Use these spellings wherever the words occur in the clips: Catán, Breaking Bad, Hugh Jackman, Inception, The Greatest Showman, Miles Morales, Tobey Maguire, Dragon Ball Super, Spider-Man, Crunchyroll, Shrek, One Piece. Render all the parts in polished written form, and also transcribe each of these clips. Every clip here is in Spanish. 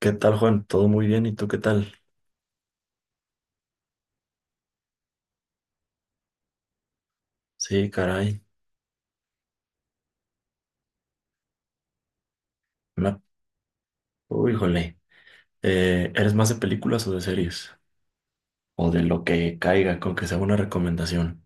¿Qué tal, Juan? ¿Todo muy bien? ¿Y tú qué tal? Sí, caray. Me... Uy, jole. ¿Eres más de películas o de series? O de lo que caiga, con que sea una recomendación.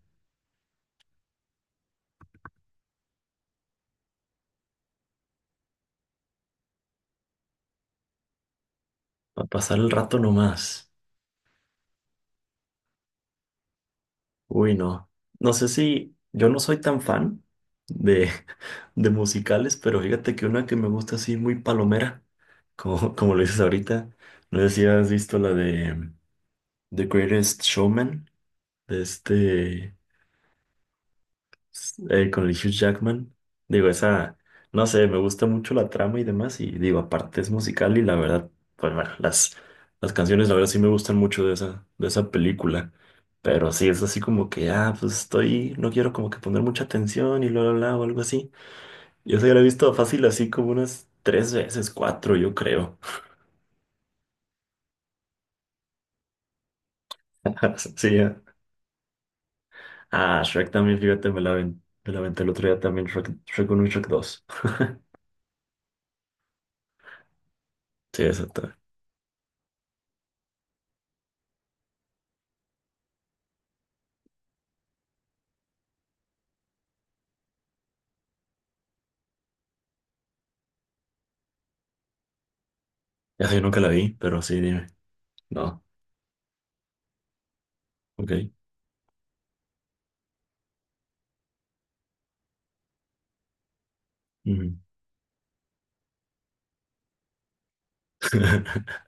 Para pasar el rato nomás. Uy, no. No sé si... Yo no soy tan fan de, de musicales, pero fíjate que una que me gusta así muy palomera, como, como lo dices ahorita. No sé si has visto la de The Greatest Showman, de este... con el Hugh Jackman. Digo, esa, no sé, me gusta mucho la trama y demás. Y digo, aparte es musical y la verdad, pues bueno, las canciones la verdad sí me gustan mucho de esa película. Pero sí, es así como que, ah, pues estoy, no quiero como que poner mucha atención y bla, bla, bla, o algo así. Yo se la he visto fácil así como unas tres veces, cuatro, yo creo. Sí, ya. Ah, Shrek también, fíjate, me la aventé el otro día también, Shrek, Shrek 1 y Shrek dos. Sí, exacto. Ya sé, yo nunca la vi, pero sí, dime. No. Ok. Ujú.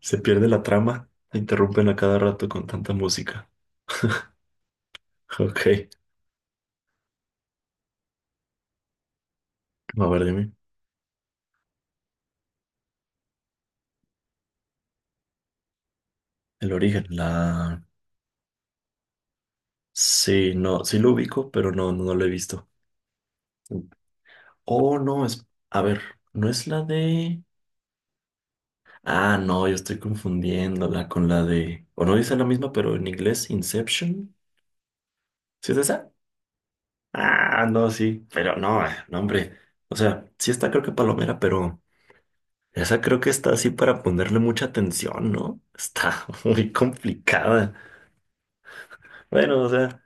Se pierde la trama, la interrumpen a cada rato con tanta música. Ok. A ver, dime. El origen, la... Sí, no, sí lo ubico, pero no, no, no lo he visto. Oh, no, es... A ver, ¿no es la de... Ah, no, yo estoy confundiéndola con la de... O no dice la misma, pero en inglés, Inception. ¿Sí es esa? Ah, no, sí, pero no, no, hombre. O sea, sí está creo que Palomera, pero... Esa creo que está así para ponerle mucha atención, ¿no? Está muy complicada. Bueno, o sea,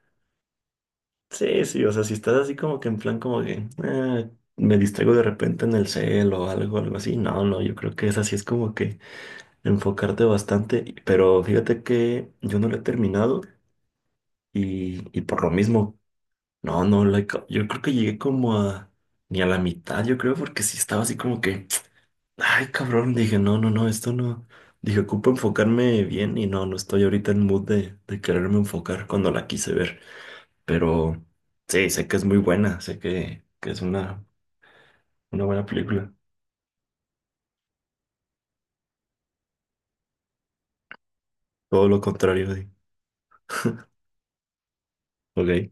sí, sí, o sea, si estás así como que en plan como que "Ah, me distraigo de repente en el cel o algo, algo así. No, no, yo creo que esa sí es como que enfocarte bastante. Pero fíjate que yo no lo he terminado y por lo mismo, no, no, yo creo que llegué como a ni a la mitad, yo creo, porque sí estaba así como que. Ay, cabrón, dije, no, no, no, esto no. Dije, ocupo enfocarme bien y no, no estoy ahorita en mood de, quererme enfocar cuando la quise ver. Pero sí, sé que es muy buena, sé que es una buena película. Todo lo contrario, de, ok,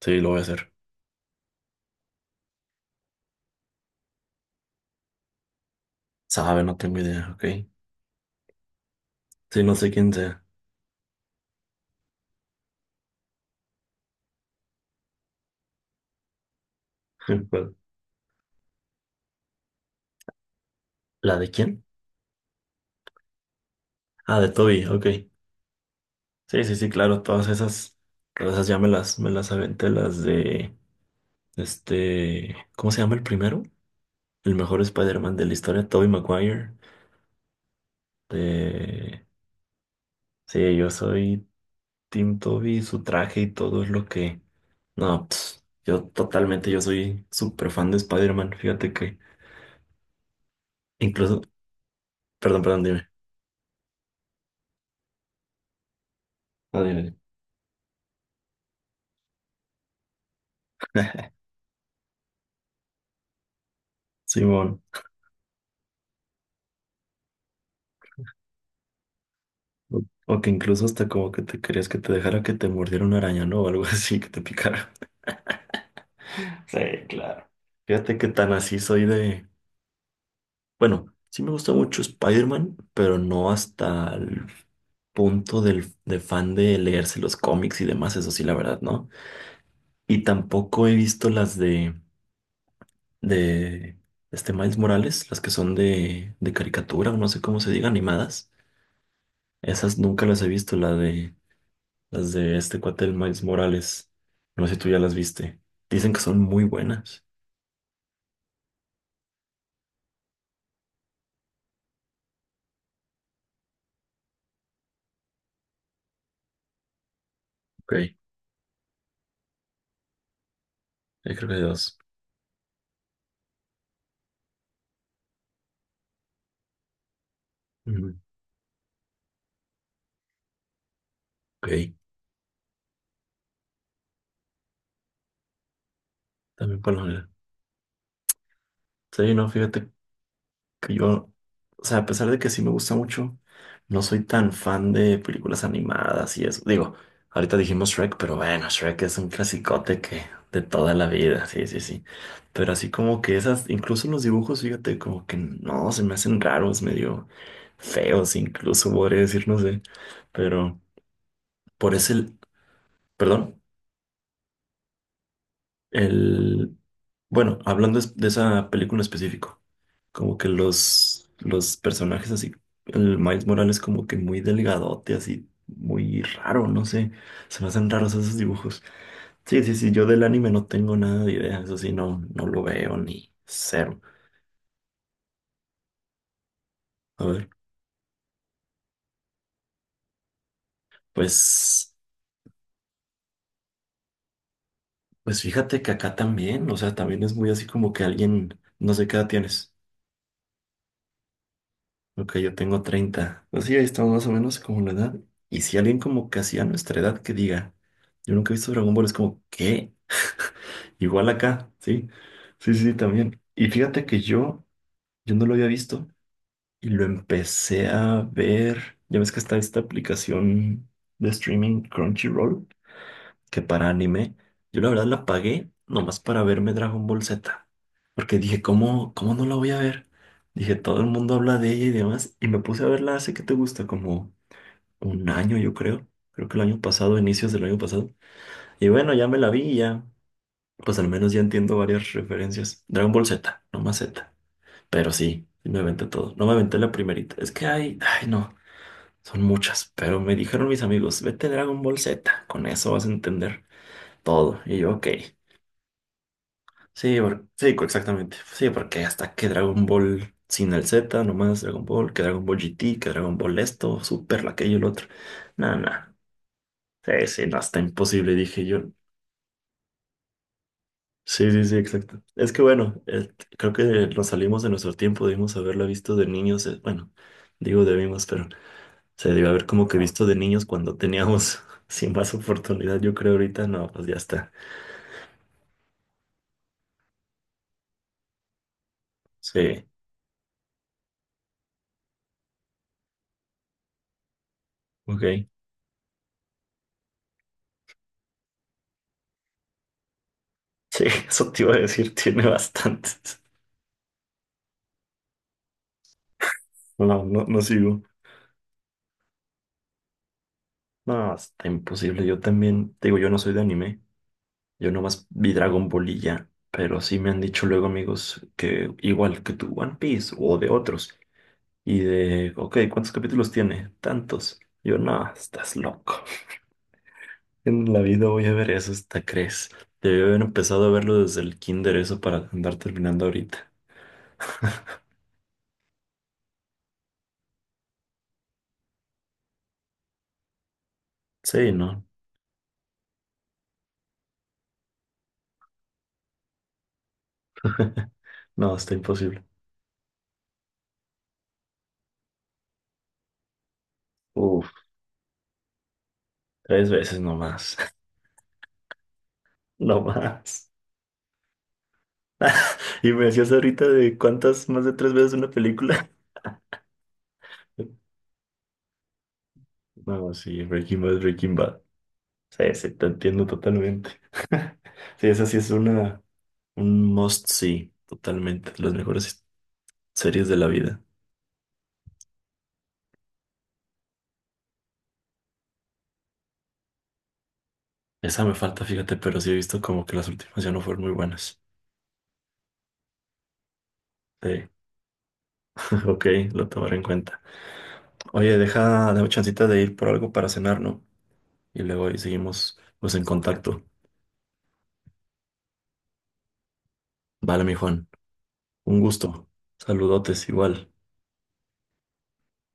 sí, lo voy a hacer. Sabe, no tengo idea, ok. Sí, no sé quién sea. ¿Cuál? ¿La de quién? Ah, de Toby, ok. Sí, sí, sí, claro, todas esas ya me las aventé, las de, este, ¿cómo se llama el primero? El mejor Spider-Man de la historia, Tobey Maguire. Eh, sí, yo soy Team Tobey, su traje y todo es lo que... No, pss, yo totalmente, yo soy súper fan de Spider-Man. Fíjate que incluso... Perdón, perdón, dime. No, dime, dime. Simón. O o que incluso hasta como que te querías que te dejara que te mordiera una araña, ¿no? O algo así, que te picara. Sí, claro. Fíjate que tan así soy de... Bueno, sí me gusta mucho Spider-Man, pero no hasta el punto del, de fan de leerse los cómics y demás, eso sí, la verdad, ¿no? Y tampoco he visto las de este Miles Morales, las que son de caricatura, o no sé cómo se diga, animadas. Esas nunca las he visto, la de, las de este cuate del Miles Morales. No sé si tú ya las viste. Dicen que son muy buenas. Ok, yo creo que hay dos. Ujú. Ok, también para la... Sí, no, fíjate que yo, o sea, a pesar de que sí me gusta mucho, no soy tan fan de películas animadas y eso. Digo, ahorita dijimos Shrek, pero bueno, Shrek es un clasicote que de toda la vida, sí, sí, sí. Pero así como que esas, incluso los dibujos, fíjate, como que no, se me hacen raros, medio feos, incluso podría decir, no sé. Pero por ese, perdón, el, bueno, hablando de esa película en específico. Como que los, personajes así, el Miles Morales como que muy delgadote, así muy raro, no sé, se me hacen raros esos dibujos. Sí, sí, sí, yo del anime no tengo nada de idea, eso sí, no, no lo veo ni cero. A ver, pues, pues fíjate que acá también, o sea, también es muy así como que alguien, no sé qué edad tienes. Ok, yo tengo 30. Pues sí, ahí estamos más o menos como la edad. Y si alguien como casi a nuestra edad que diga, yo nunca he visto Dragon Ball, es como, ¿qué? Igual acá, sí. Sí, sí, también. Y fíjate que yo no lo había visto y lo empecé a ver. Ya ves que está esta aplicación de streaming Crunchyroll, que para anime, yo la verdad la pagué nomás para verme Dragon Ball Z. Porque dije, ¿cómo, cómo no la voy a ver? Dije, todo el mundo habla de ella y demás. Y me puse a verla hace que te gusta, como un año, yo creo. Creo que el año pasado, inicios del año pasado. Y bueno, ya me la vi y ya. Pues al menos ya entiendo varias referencias. Dragon Ball Z, no más Z. Pero sí, sí me aventé todo. No me aventé la primerita. Es que hay, ay no, son muchas. Pero me dijeron mis amigos, vete Dragon Ball Z, con eso vas a entender todo. Y yo, ok. Sí, sí, exactamente. Sí, porque hasta que Dragon Ball sin el Z, nomás Dragon Ball, que Dragon Ball GT, que Dragon Ball esto, Super, aquello, el otro. No, no. Sí, sí, no, está imposible, dije yo. Sí, sí, sí, exacto. Es que bueno, creo que nos salimos de nuestro tiempo, debimos haberla visto de niños, bueno, digo debimos, pero se debió haber como que visto de niños cuando teníamos sin más oportunidad, yo creo ahorita no, pues ya está. Sí, ok. Sí, eso te iba a decir, tiene bastantes. No, no, no sigo. No, está imposible. Yo también, te digo, yo no soy de anime, yo nomás vi Dragon Ball y ya, pero sí me han dicho luego amigos que igual que tu One Piece o de otros. Y de, ok, ¿cuántos capítulos tiene? Tantos. Yo, no, estás loco. En la vida voy a ver eso, hasta crees. Debí haber empezado a verlo desde el kinder, eso para andar terminando ahorita. Sí, no, no, está imposible. Uf, tres veces nomás, no más. Y me decías ahorita de cuántas más de tres veces una película. No, sí, Breaking Bad, Breaking Bad. Sí, sí, te entiendo totalmente. Sí, esa sí es una, un must see, totalmente. Las mejores series de la vida. Esa me falta, fíjate, pero sí he visto como que las últimas ya no fueron muy buenas. Sí, ok, lo tomaré en cuenta. Oye, deja, dame chancita de ir por algo para cenar, ¿no? Y luego ahí seguimos pues en contacto. Vale, mi Juan, un gusto. Saludotes igual.